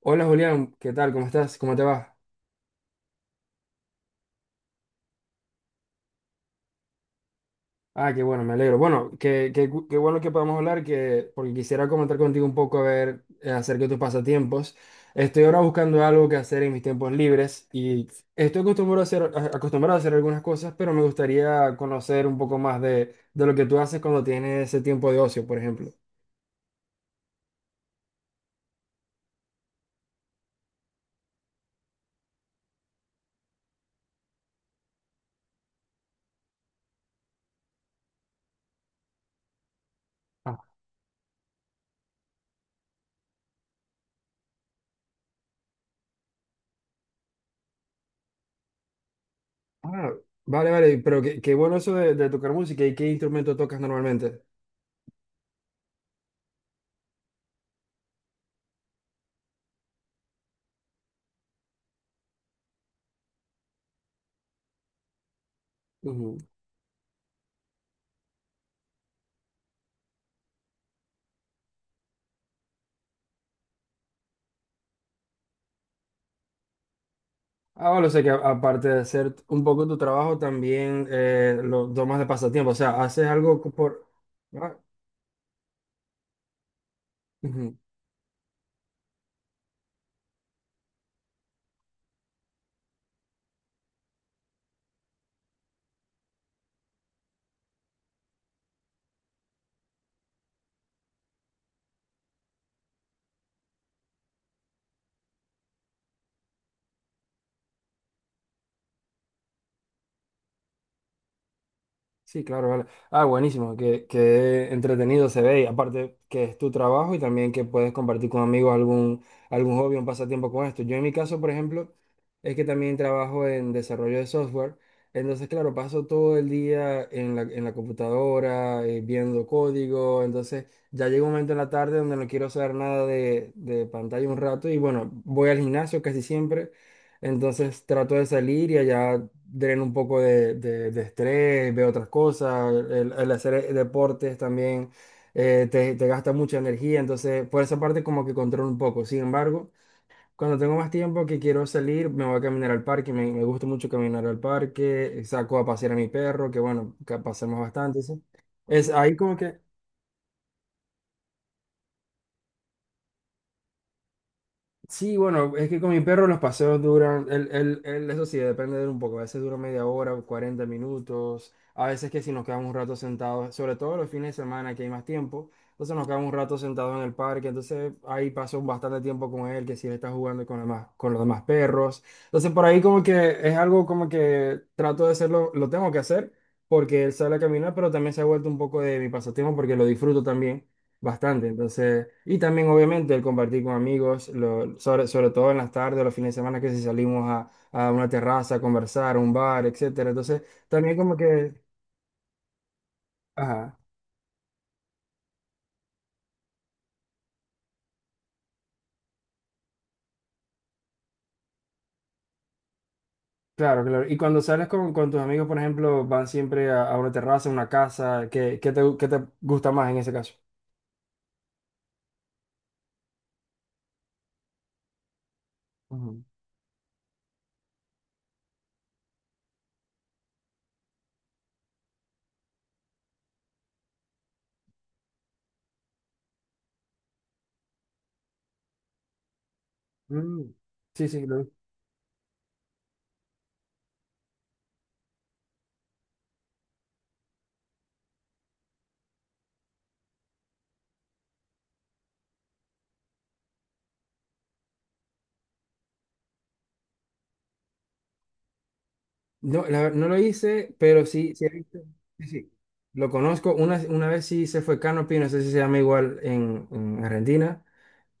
Hola Julián, ¿qué tal? ¿Cómo estás? ¿Cómo te va? Ah, qué bueno, me alegro. Bueno, qué bueno que podamos hablar, porque quisiera comentar contigo un poco a ver, acerca de tus pasatiempos. Estoy ahora buscando algo que hacer en mis tiempos libres y estoy acostumbrado a hacer, acostumbrado a hacer algunas cosas, pero me gustaría conocer un poco más de lo que tú haces cuando tienes ese tiempo de ocio, por ejemplo. Ah, ah, vale, vale, pero qué bueno eso de tocar música. ¿Y qué instrumento tocas normalmente? Ah, bueno, o sea que aparte de hacer un poco tu trabajo, también lo tomas de pasatiempo. O sea, haces algo por... Ah, ujú. Sí, claro, vale. Ah, buenísimo, que entretenido se ve. Y aparte que es tu trabajo y también que puedes compartir con amigos algún, algún hobby, un pasatiempo con esto. Yo en mi caso, por ejemplo... es que también trabajo en desarrollo de software. Entonces, claro, paso todo el día en la computadora, viendo código. Entonces, ya llega un momento en la tarde donde no quiero saber nada de, de pantalla un rato. Y bueno, voy al gimnasio casi siempre. Entonces, trato de salir y allá dreno un poco de, de estrés, veo otras cosas. El hacer deportes también te, te gasta mucha energía. Entonces, por esa parte, como que controlo un poco. Sin embargo. Cuando tengo más tiempo que quiero salir, me voy a caminar al parque. Me gusta mucho caminar al parque. Saco a pasear a mi perro, que bueno, que pasamos bastante, ¿sí? Es ahí como que sí, bueno, es que con mi perro los paseos duran, eso sí, depende de él un poco, a veces dura media hora, 40 minutos, a veces que si nos quedamos un rato sentados, sobre todo los fines de semana que hay más tiempo, entonces nos quedamos un rato sentados en el parque, entonces ahí paso bastante tiempo con él, que si él está jugando con, con los demás perros, entonces por ahí como que es algo como que trato de hacerlo, lo tengo que hacer, porque él sale a caminar, pero también se ha vuelto un poco de mi pasatiempo porque lo disfruto también. Bastante, entonces, y también obviamente el compartir con amigos, sobre, sobre todo en las tardes, o los fines de semana que si salimos a una terraza a conversar, a un bar, etcétera. Entonces, también como que, ajá, claro, claro. Y cuando sales con tus amigos, por ejemplo, van siempre a una terraza, a una casa, ¿qué, qué te gusta más en ese caso? Ujú. Mm, sí, sí, no, no lo hice, pero sí, sí he visto, sí, sí, lo conozco. Una vez sí se fue Canopy, no sé si se llama igual en Argentina,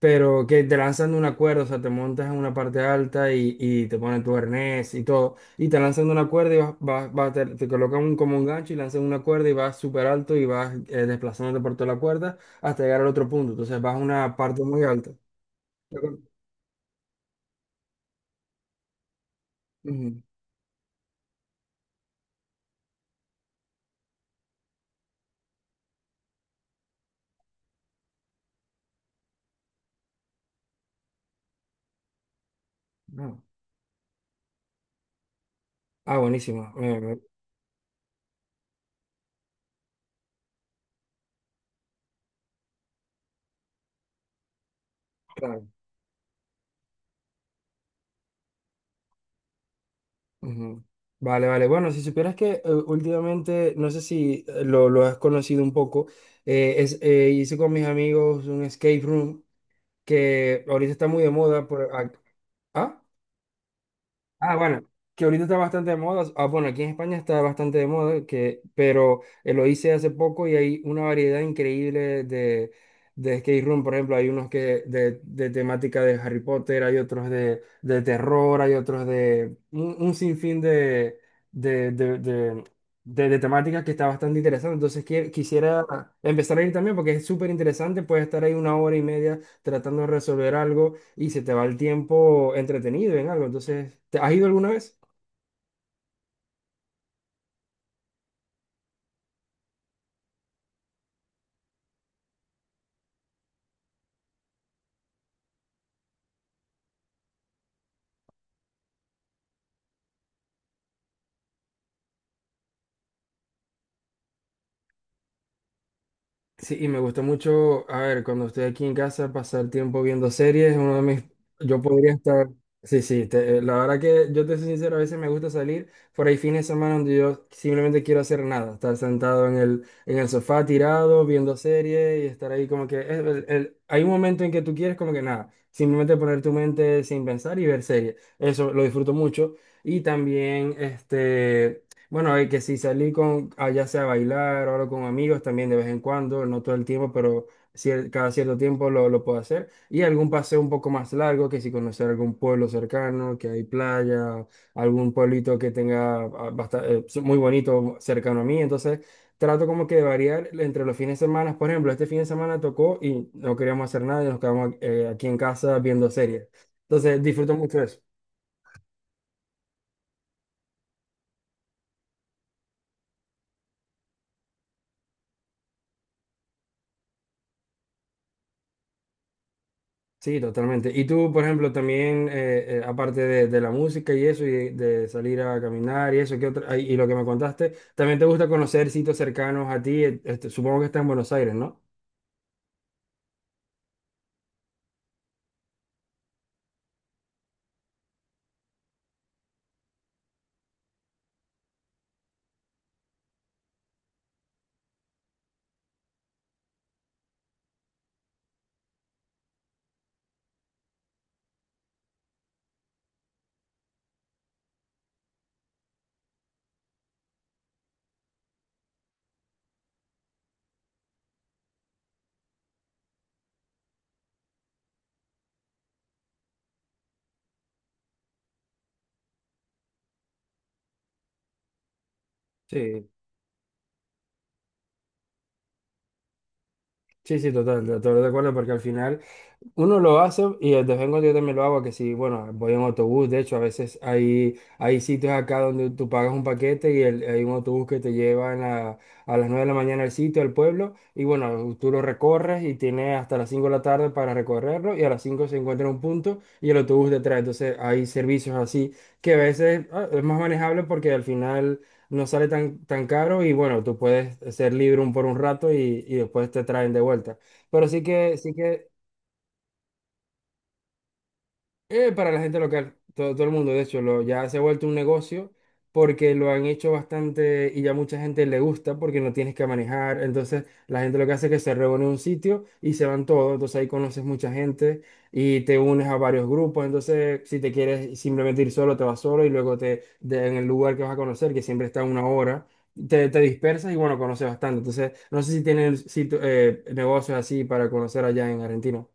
pero que te lanzan de una cuerda, o sea, te montas en una parte alta y te ponen tu arnés y todo, y te lanzan de una cuerda y vas, te, te colocan como un gancho y lanzan una cuerda y vas súper alto y vas desplazándote por toda la cuerda hasta llegar al otro punto, entonces vas a una parte muy alta. Ujú. Ah, ah, buenísimo. Claro. Ujú. Vale, vale. Bueno, si supieras que últimamente, no sé si lo has conocido un poco, hice con mis amigos un escape room que ahorita está muy de moda. Ah, ah, bueno, que ahorita está bastante de moda. Ah, bueno, aquí en España está bastante de moda, pero lo hice hace poco y hay una variedad increíble de skate room. Por ejemplo, hay unos que de temática de Harry Potter, hay otros de terror, hay otros de un sinfín de, de, de, de temáticas que está bastante interesante. Entonces, quisiera empezar a ir también porque es súper interesante. Puedes estar ahí 1 hora y media tratando de resolver algo y se te va el tiempo entretenido en algo. Entonces, ¿te has ido alguna vez? Sí, y me gusta mucho, a ver, cuando estoy aquí en casa, pasar tiempo viendo series, uno de mis, yo podría estar, sí, sí, la verdad que yo te soy sincero, a veces me gusta salir por ahí fines de semana donde yo simplemente quiero hacer nada, estar sentado en el sofá tirado, viendo series y estar ahí como que, hay un momento en que tú quieres como que nada, simplemente poner tu mente sin pensar y ver series, eso lo disfruto mucho. Y también, este, bueno, y que si salí con, ah, ya sea a bailar o algo con amigos también de vez en cuando, no todo el tiempo, pero cada cierto tiempo lo puedo hacer. Y algún paseo un poco más largo, que si conocer algún pueblo cercano, que hay playa, algún pueblito que tenga muy bonito cercano a mí. Entonces, trato como que de variar entre los fines de semana. Por ejemplo, este fin de semana tocó y no queríamos hacer nada y nos quedamos aquí en casa viendo series. Entonces, disfruto mucho eso. Sí, totalmente. Y tú, por ejemplo, también, aparte de la música y eso, y de salir a caminar y eso, ¿qué otra- ay, y lo que me contaste, también te gusta conocer sitios cercanos a ti, este, supongo que está en Buenos Aires, ¿no? Sí. Sí, sí, total, todo de acuerdo, porque al final... Uno lo hace y de vez en cuando yo también lo hago, que si, bueno, voy en autobús, de hecho, a veces hay, hay sitios acá donde tú pagas un paquete y hay un autobús que te lleva en a las 9 de la mañana al sitio, al pueblo, y bueno, tú lo recorres y tienes hasta las 5 de la tarde para recorrerlo y a las 5 se encuentra en un punto y el autobús te trae. Entonces hay servicios así que a veces ah, es más manejable porque al final no sale tan, tan caro y bueno, tú puedes ser libre un, por un rato y después te traen de vuelta. Pero sí que eh, para la gente local, todo, todo el mundo, de hecho, lo, ya se ha vuelto un negocio porque lo han hecho bastante y ya mucha gente le gusta porque no tienes que manejar. Entonces, la gente lo que hace es que se reúne en un sitio y se van todos. Entonces, ahí conoces mucha gente y te unes a varios grupos. Entonces, si te quieres simplemente ir solo, te vas solo y luego te, en el lugar que vas a conocer, que siempre está 1 hora, te, te dispersas y bueno, conoces bastante. Entonces, no sé si tienen negocios así para conocer allá en Argentina.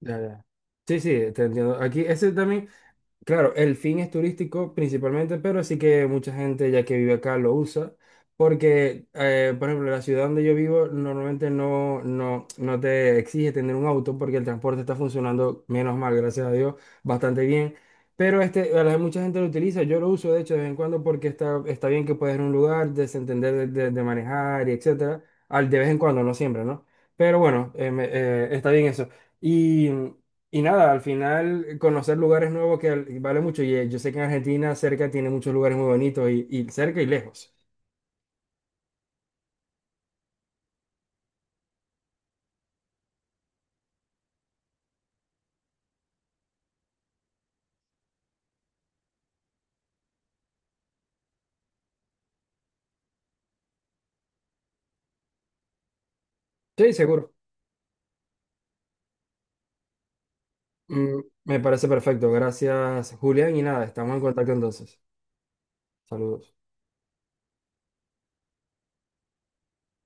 Ya, ya. Sí, sí, te entiendo. Aquí, ese también, claro, el fin es turístico principalmente, pero sí que mucha gente ya que vive acá lo usa, porque, por ejemplo, la ciudad donde yo vivo normalmente no, no, no te exige tener un auto porque el transporte está funcionando, menos mal, gracias a Dios, bastante bien. Pero este, mucha gente lo utiliza, yo lo uso de hecho de vez en cuando porque está, está bien que puedes ir a un lugar, desentender de, de manejar y etcétera, al de vez en cuando, no siempre, ¿no? Pero bueno, está bien eso. Y y nada, al final conocer lugares nuevos que vale mucho. Y yo sé que en Argentina cerca tiene muchos lugares muy bonitos y cerca y lejos. Sí, seguro. Mm, me parece perfecto. Gracias, Julián. Y nada, estamos en contacto entonces. Saludos.